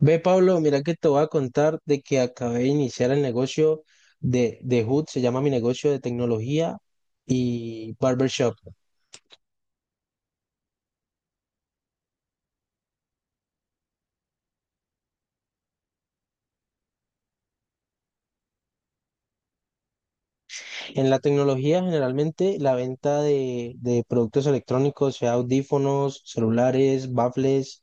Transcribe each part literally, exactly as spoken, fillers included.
Ve, Pablo, mira que te voy a contar de que acabé de iniciar el negocio de, de Hood, se llama mi negocio de tecnología y barbershop. En la tecnología, generalmente, la venta de, de productos electrónicos, sea audífonos, celulares, baffles,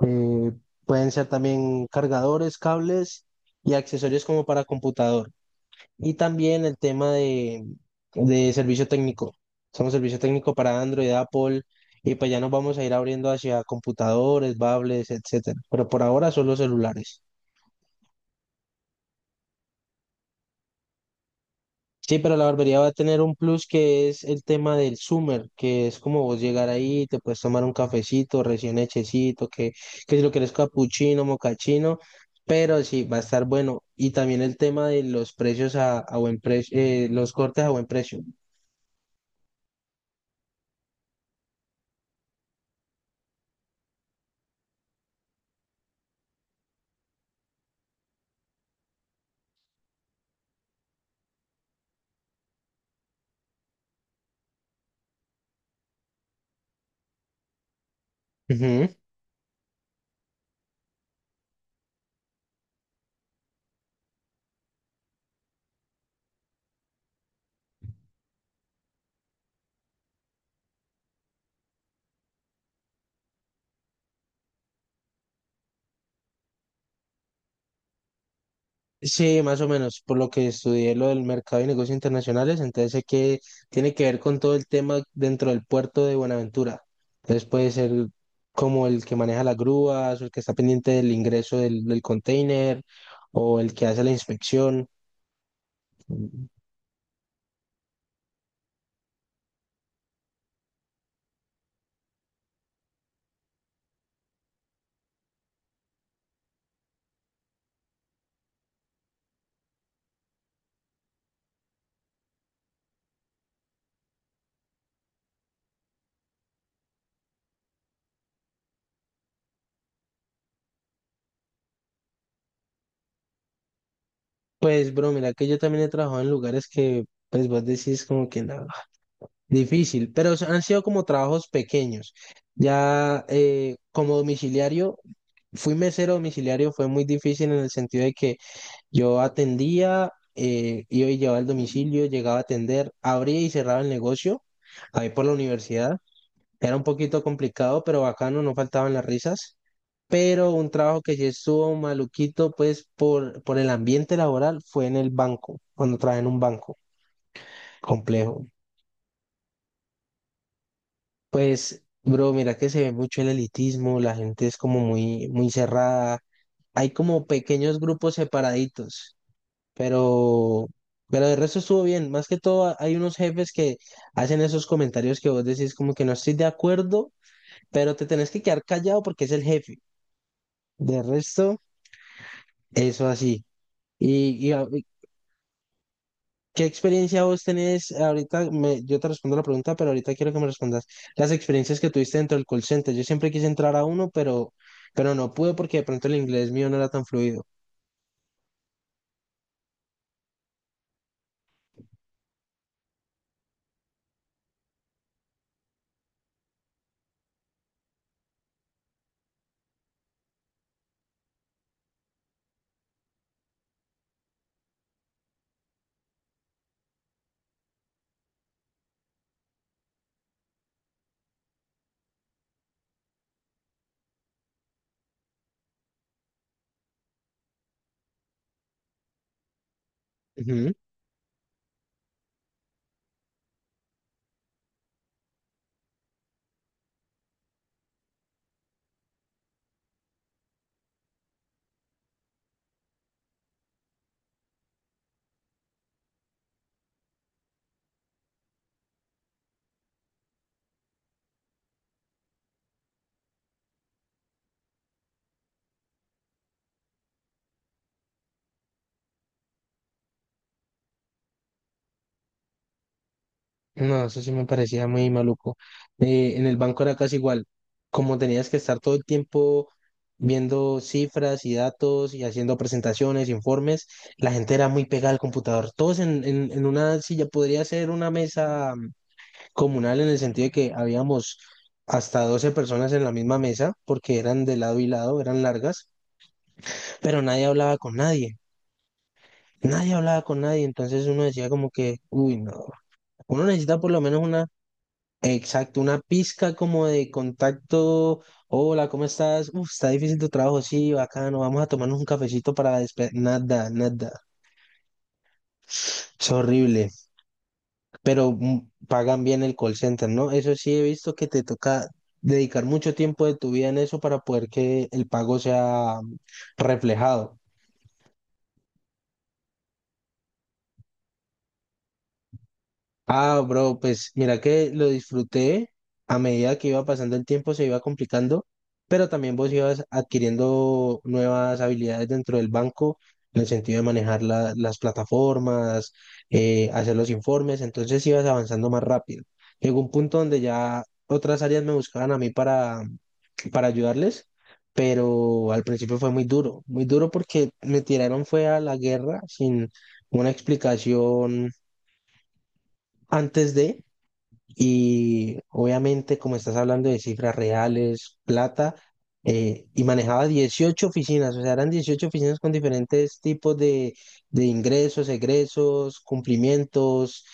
eh, pueden ser también cargadores, cables y accesorios como para computador. Y también el tema de, de servicio técnico. Somos servicio técnico para Android, Apple, y pues ya nos vamos a ir abriendo hacia computadores, tablets, etcétera. Pero por ahora solo celulares. Sí, pero la barbería va a tener un plus que es el tema del Summer, que es como vos llegar ahí, te puedes tomar un cafecito recién hechecito, que, que si lo querés capuchino, mocachino, pero sí, va a estar bueno. Y también el tema de los precios a, a buen precio, eh, los cortes a buen precio. Ujú. Sí, más o menos, por lo que estudié lo del mercado y negocios internacionales, entonces sé que tiene que ver con todo el tema dentro del puerto de Buenaventura. Entonces puede ser como el que maneja las grúas, o el que está pendiente del ingreso del, del container, o el que hace la inspección. Pues, bro, mira que yo también he trabajado en lugares que, pues, vos decís como que nada, difícil, pero s- han sido como trabajos pequeños. Ya eh, como domiciliario, fui mesero domiciliario, fue muy difícil en el sentido de que yo atendía, eh, iba y llevaba el domicilio, llegaba a atender, abría y cerraba el negocio, ahí por la universidad. Era un poquito complicado, pero bacano, no faltaban las risas. Pero un trabajo que sí estuvo maluquito, pues por, por el ambiente laboral, fue en el banco, cuando trabajé en un banco complejo. Pues, bro, mira que se ve mucho el elitismo, la gente es como muy, muy cerrada. Hay como pequeños grupos separaditos. Pero, pero de resto estuvo bien. Más que todo, a- hay unos jefes que hacen esos comentarios que vos decís como que no estoy de acuerdo, pero te tenés que quedar callado porque es el jefe. De resto, eso así. ¿Y, y a- y qué experiencia vos tenés ahorita? Me- yo te respondo la pregunta, pero ahorita quiero que me respondas las experiencias que tuviste dentro del call center. Yo siempre quise entrar a uno, pero, pero no pude porque de pronto el inglés mío no era tan fluido. No, eso sí me parecía muy maluco. Eh, en el banco era casi igual. Como tenías que estar todo el tiempo viendo cifras y datos y haciendo presentaciones, informes, la gente era muy pegada al computador. Todos en, en, en una silla, podría ser una mesa mm, comunal en el sentido de que habíamos hasta doce personas en la misma mesa, porque eran de lado y lado, eran largas, pero nadie hablaba con nadie. Nadie hablaba con nadie, entonces uno decía como que, uy, no, uno necesita por lo menos una... Exacto, una pizca como de contacto. Hola, ¿cómo estás? Uf, está difícil tu trabajo, sí, bacano. Vamos a tomarnos un cafecito para la despe- Nada, nada. Es horrible. Pero mm, pagan bien el call center, ¿no? Eso sí, he visto que te toca dedicar mucho tiempo de tu vida en eso para poder que el pago sea mm, reflejado. Ah, bro, pues mira que lo disfruté a medida que iba pasando el tiempo, se iba complicando, pero también vos ibas adquiriendo nuevas habilidades dentro del banco, en el sentido de manejar la- las plataformas, eh, hacer los informes, entonces ibas avanzando más rápido. Llegó un punto donde ya otras áreas me buscaban a mí para, para ayudarles, pero al principio fue muy duro, muy duro porque me tiraron fue a la guerra sin una explicación antes de... Y obviamente, como estás hablando de cifras reales, plata, eh, y manejaba dieciocho oficinas, o sea, eran dieciocho oficinas con diferentes tipos de, de ingresos, egresos, cumplimientos.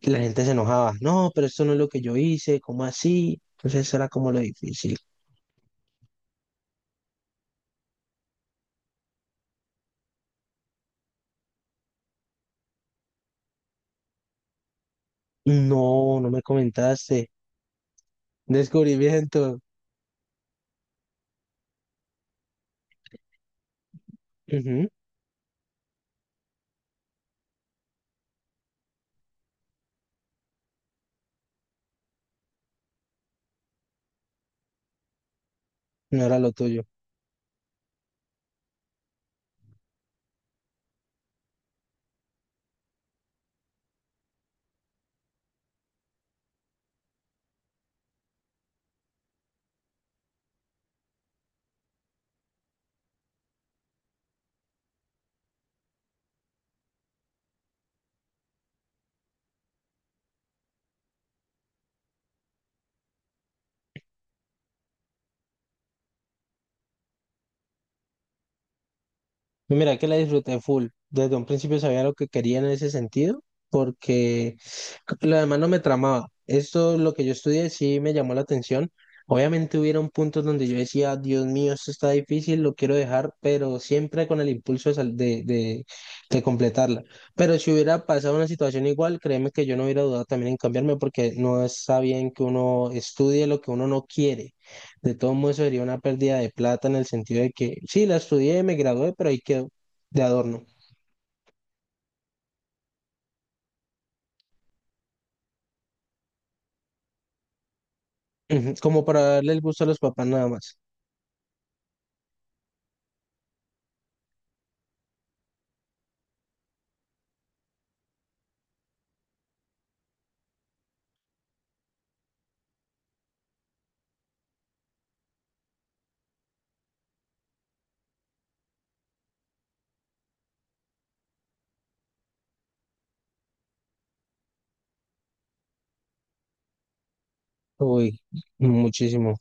Y la gente se enojaba, no, pero esto no es lo que yo hice, ¿cómo así? Entonces, eso era como lo difícil. No, no me comentaste. Descubrimiento. Ujú. No era lo tuyo. Mira que la disfruté full. Desde un principio sabía lo que quería en ese sentido, porque lo demás no me tramaba. Esto, lo que yo estudié, sí me llamó la atención. Obviamente hubieron puntos donde yo decía, Dios mío, esto está difícil, lo quiero dejar, pero siempre con el impulso de, sal- de, de- de completarla. Pero si hubiera pasado una situación igual, créeme que yo no hubiera dudado también en cambiarme, porque no está bien que uno estudie lo que uno no quiere. De todo modo, eso sería una pérdida de plata en el sentido de que sí, la estudié, me gradué, pero ahí quedó de adorno. Ujú. Como para darle el gusto a los papás nada más. Uy, muchísimo.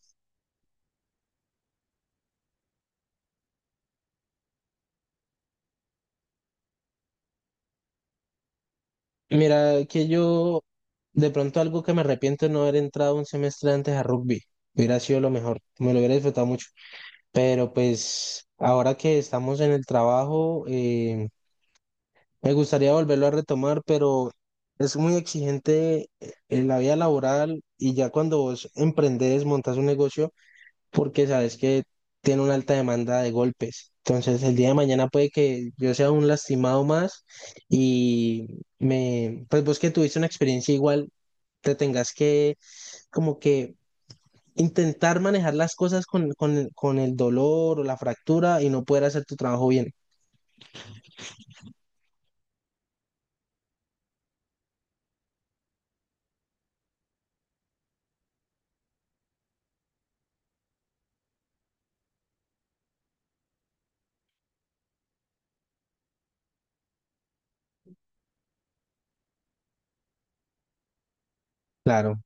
Mira, que yo de pronto algo que me arrepiento es no haber entrado un semestre antes a rugby. Hubiera sido lo mejor, me lo hubiera disfrutado mucho. Pero pues ahora que estamos en el trabajo, eh, me gustaría volverlo a retomar, pero es muy exigente eh, en la vida laboral y ya cuando vos emprendés, montas un negocio, porque sabes que tiene una alta demanda de golpes. Entonces, el día de mañana puede que yo sea un lastimado más y me, pues vos que tuviste una experiencia igual, te tengas que como que intentar manejar las cosas con, con, con el dolor o la fractura y no poder hacer tu trabajo bien. Claro.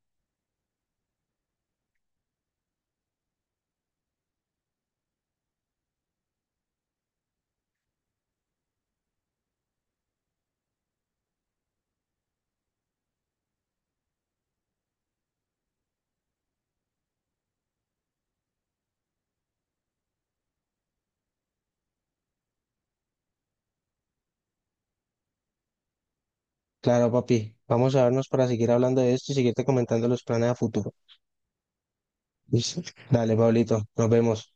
Claro, papi. Vamos a vernos para seguir hablando de esto y seguirte comentando los planes a futuro. Listo. Dale, Pablito. Nos vemos.